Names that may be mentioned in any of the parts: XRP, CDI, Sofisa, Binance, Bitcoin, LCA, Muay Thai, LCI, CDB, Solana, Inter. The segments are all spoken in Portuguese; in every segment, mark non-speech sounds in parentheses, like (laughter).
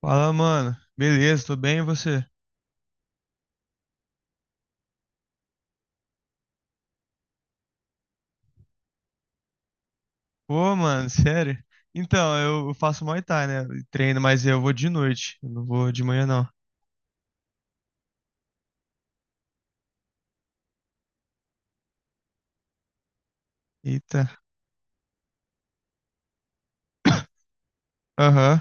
Fala, mano. Beleza, tô bem, e você? Pô, mano, sério? Então, eu faço Muay Thai, né? Eu treino, mas eu vou de noite. Eu não vou de manhã, não. Eita. Aham.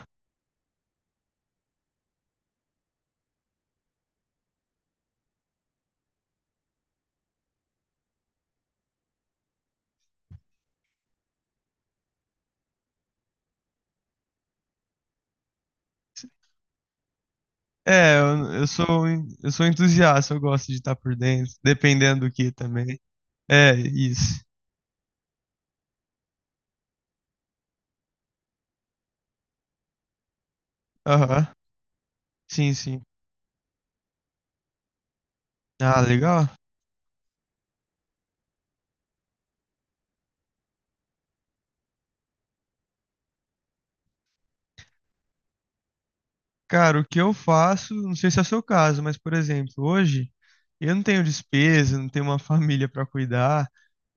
É, eu sou um entusiasta, eu gosto de estar por dentro, dependendo do que também. É, isso. Aham. Sim, sim. Ah, legal. Cara, o que eu faço, não sei se é o seu caso, mas, por exemplo, hoje eu não tenho despesa, não tenho uma (laughs) família para cuidar,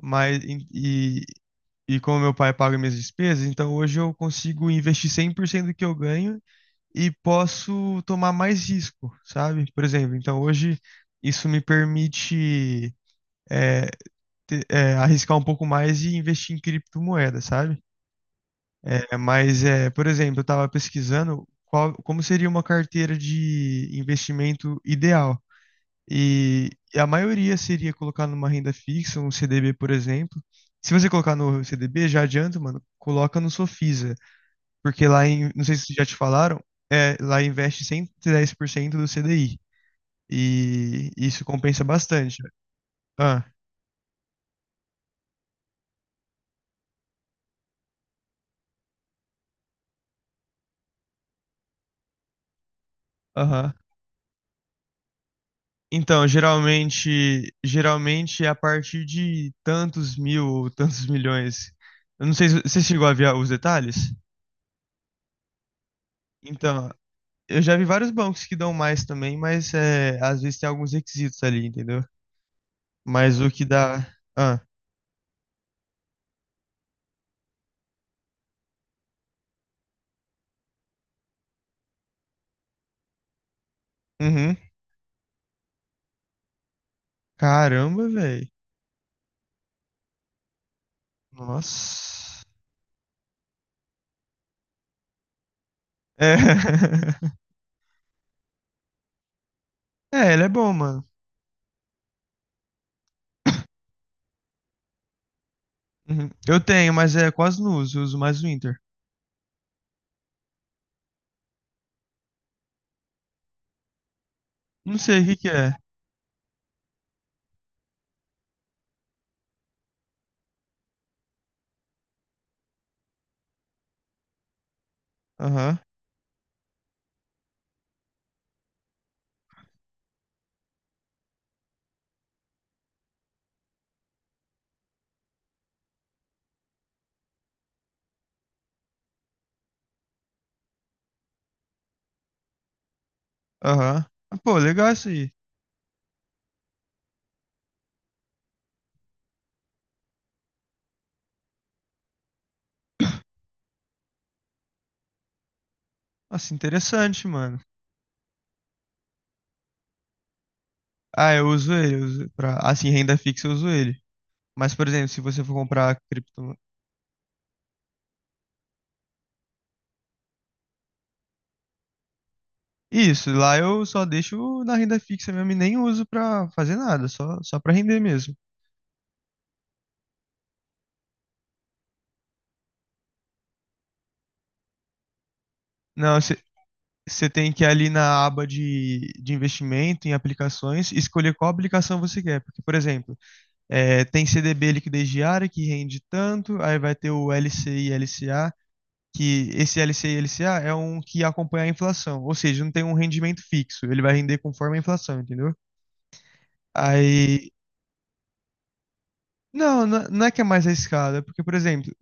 mas e e como meu pai paga minhas despesas, então hoje eu consigo investir 100% do que eu ganho e posso tomar mais risco, sabe? Por exemplo, então hoje isso me permite, é, arriscar um pouco mais e investir em criptomoeda, sabe? É, mas, é, por exemplo, eu estava pesquisando qual, como seria uma carteira de investimento ideal. E a maioria seria colocar numa renda fixa, um CDB, por exemplo. Se você colocar no CDB, já adianta, mano, coloca no Sofisa. Porque lá, não sei se já te falaram, lá investe 110% do CDI. E isso compensa bastante. Ah, aham. Então, geralmente é a partir de tantos mil ou tantos milhões. Eu não sei se você chegou a ver os detalhes. Então, eu já vi vários bancos que dão mais também, mas, às vezes tem alguns requisitos ali, entendeu? Mas o que dá. Ah, uhum. Caramba, velho. Nossa. É. (laughs) É, ele é bom, mano. Uhum. Eu tenho, mas é quase não uso, eu uso mais o Inter. Não sei o que que é. Aham, aham. Ah, pô, legal isso aí. Nossa, interessante, mano. Ah, eu uso ele, eu uso pra, assim, renda fixa eu uso ele. Mas, por exemplo, se você for comprar cripto, isso, lá eu só deixo na renda fixa mesmo e nem uso pra fazer nada, só pra render mesmo. Não, você tem que ir ali na aba de investimento em aplicações e escolher qual aplicação você quer. Porque, por exemplo, tem CDB liquidez diária que rende tanto, aí vai ter o LCI e LCA, que esse LCI e LCA é um que acompanha a inflação, ou seja, não tem um rendimento fixo, ele vai render conforme a inflação, entendeu? Aí. Não, não, não é que é mais arriscado, é porque, por exemplo,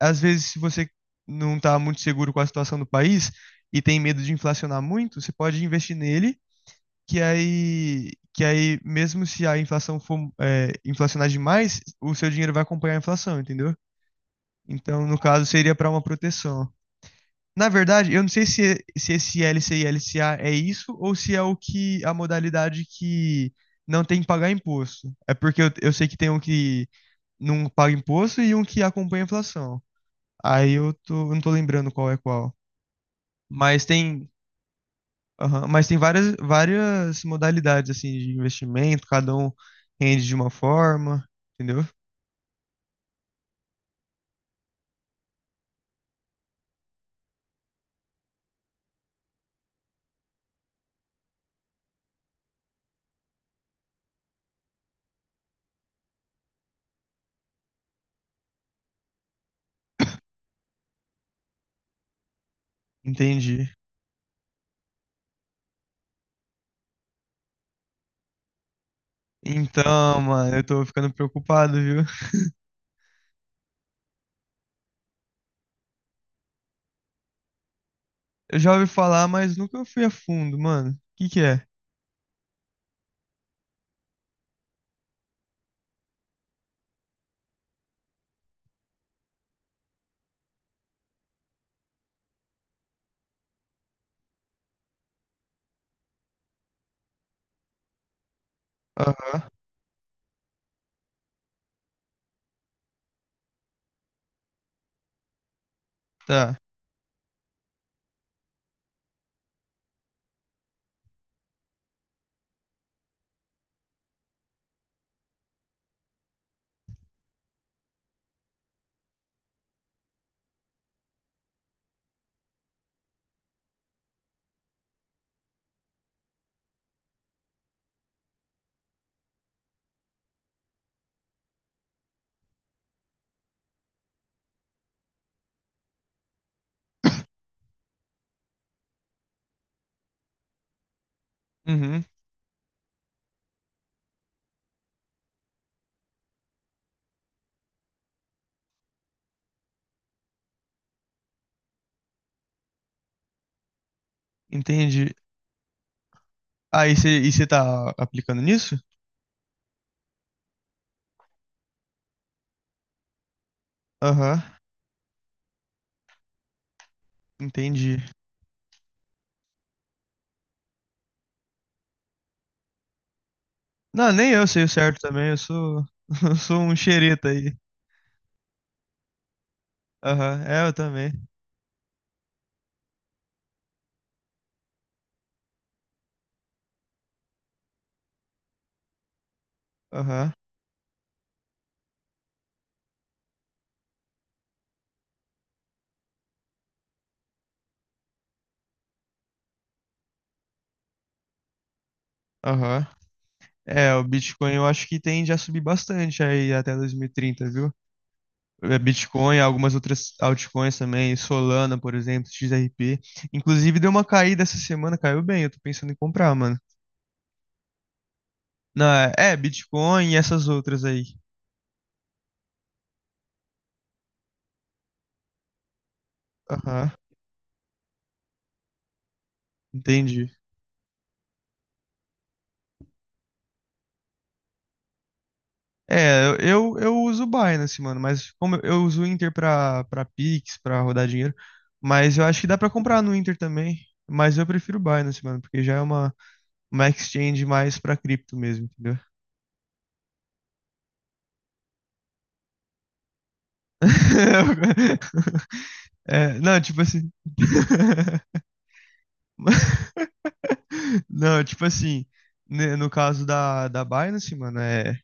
às vezes se você não está muito seguro com a situação do país e tem medo de inflacionar muito, você pode investir nele, que aí mesmo se a inflação for, inflacionar demais, o seu dinheiro vai acompanhar a inflação, entendeu? Então, no caso, seria para uma proteção. Na verdade, eu não sei se esse LC e LCA é isso ou se é o que a modalidade que não tem que pagar imposto. É porque eu sei que tem um que não paga imposto e um que acompanha a inflação. Aí eu não tô lembrando qual é qual. Mas tem, aham, mas tem várias modalidades assim de investimento, cada um rende de uma forma, entendeu? Entendi. Então, mano, eu tô ficando preocupado, viu? Eu já ouvi falar, mas nunca fui a fundo, mano. O que que é? Ah, tá. Uhum, entendi. Aí você tá aplicando nisso? Aham, entendi. Não, nem eu sei o certo também, eu sou, (laughs) eu sou um xereta aí. Aham, é, eu também. Aham, aham. É, o Bitcoin eu acho que tem já subir bastante aí até 2030, viu? É, Bitcoin, algumas outras altcoins também, Solana, por exemplo, XRP. Inclusive deu uma caída essa semana, caiu bem, eu tô pensando em comprar, mano. Não, Bitcoin e essas outras aí. Aham, entendi. É, eu uso o Binance, mano, mas como eu uso o Inter pra Pix, pra rodar dinheiro, mas eu acho que dá pra comprar no Inter também, mas eu prefiro o Binance, mano, porque já é uma exchange mais pra cripto mesmo, entendeu? (laughs) É, não, tipo assim. (laughs) Não, tipo assim, né, no caso da Binance, mano,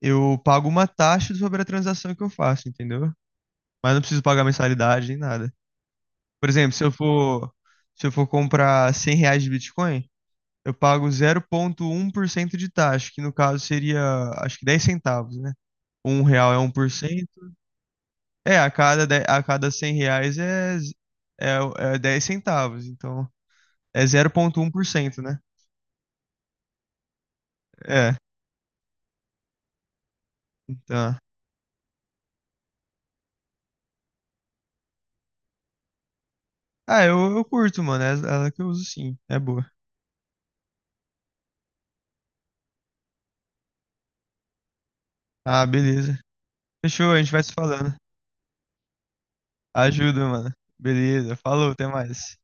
eu pago uma taxa sobre a transação que eu faço, entendeu? Mas não preciso pagar mensalidade nem nada. Por exemplo, se eu for comprar 100 reais de Bitcoin, eu pago zero vírgula um por cento de taxa, que no caso seria, acho que 10 centavos, né? Um real é um por cento. É, a cada 100 reais é 10 centavos. Então, é zero vírgula um por cento, né? É, então... Ah, eu curto, mano. É ela que eu uso sim. É boa. Ah, beleza. Fechou, a gente vai se falando. Ajuda, mano. Beleza, falou, até mais.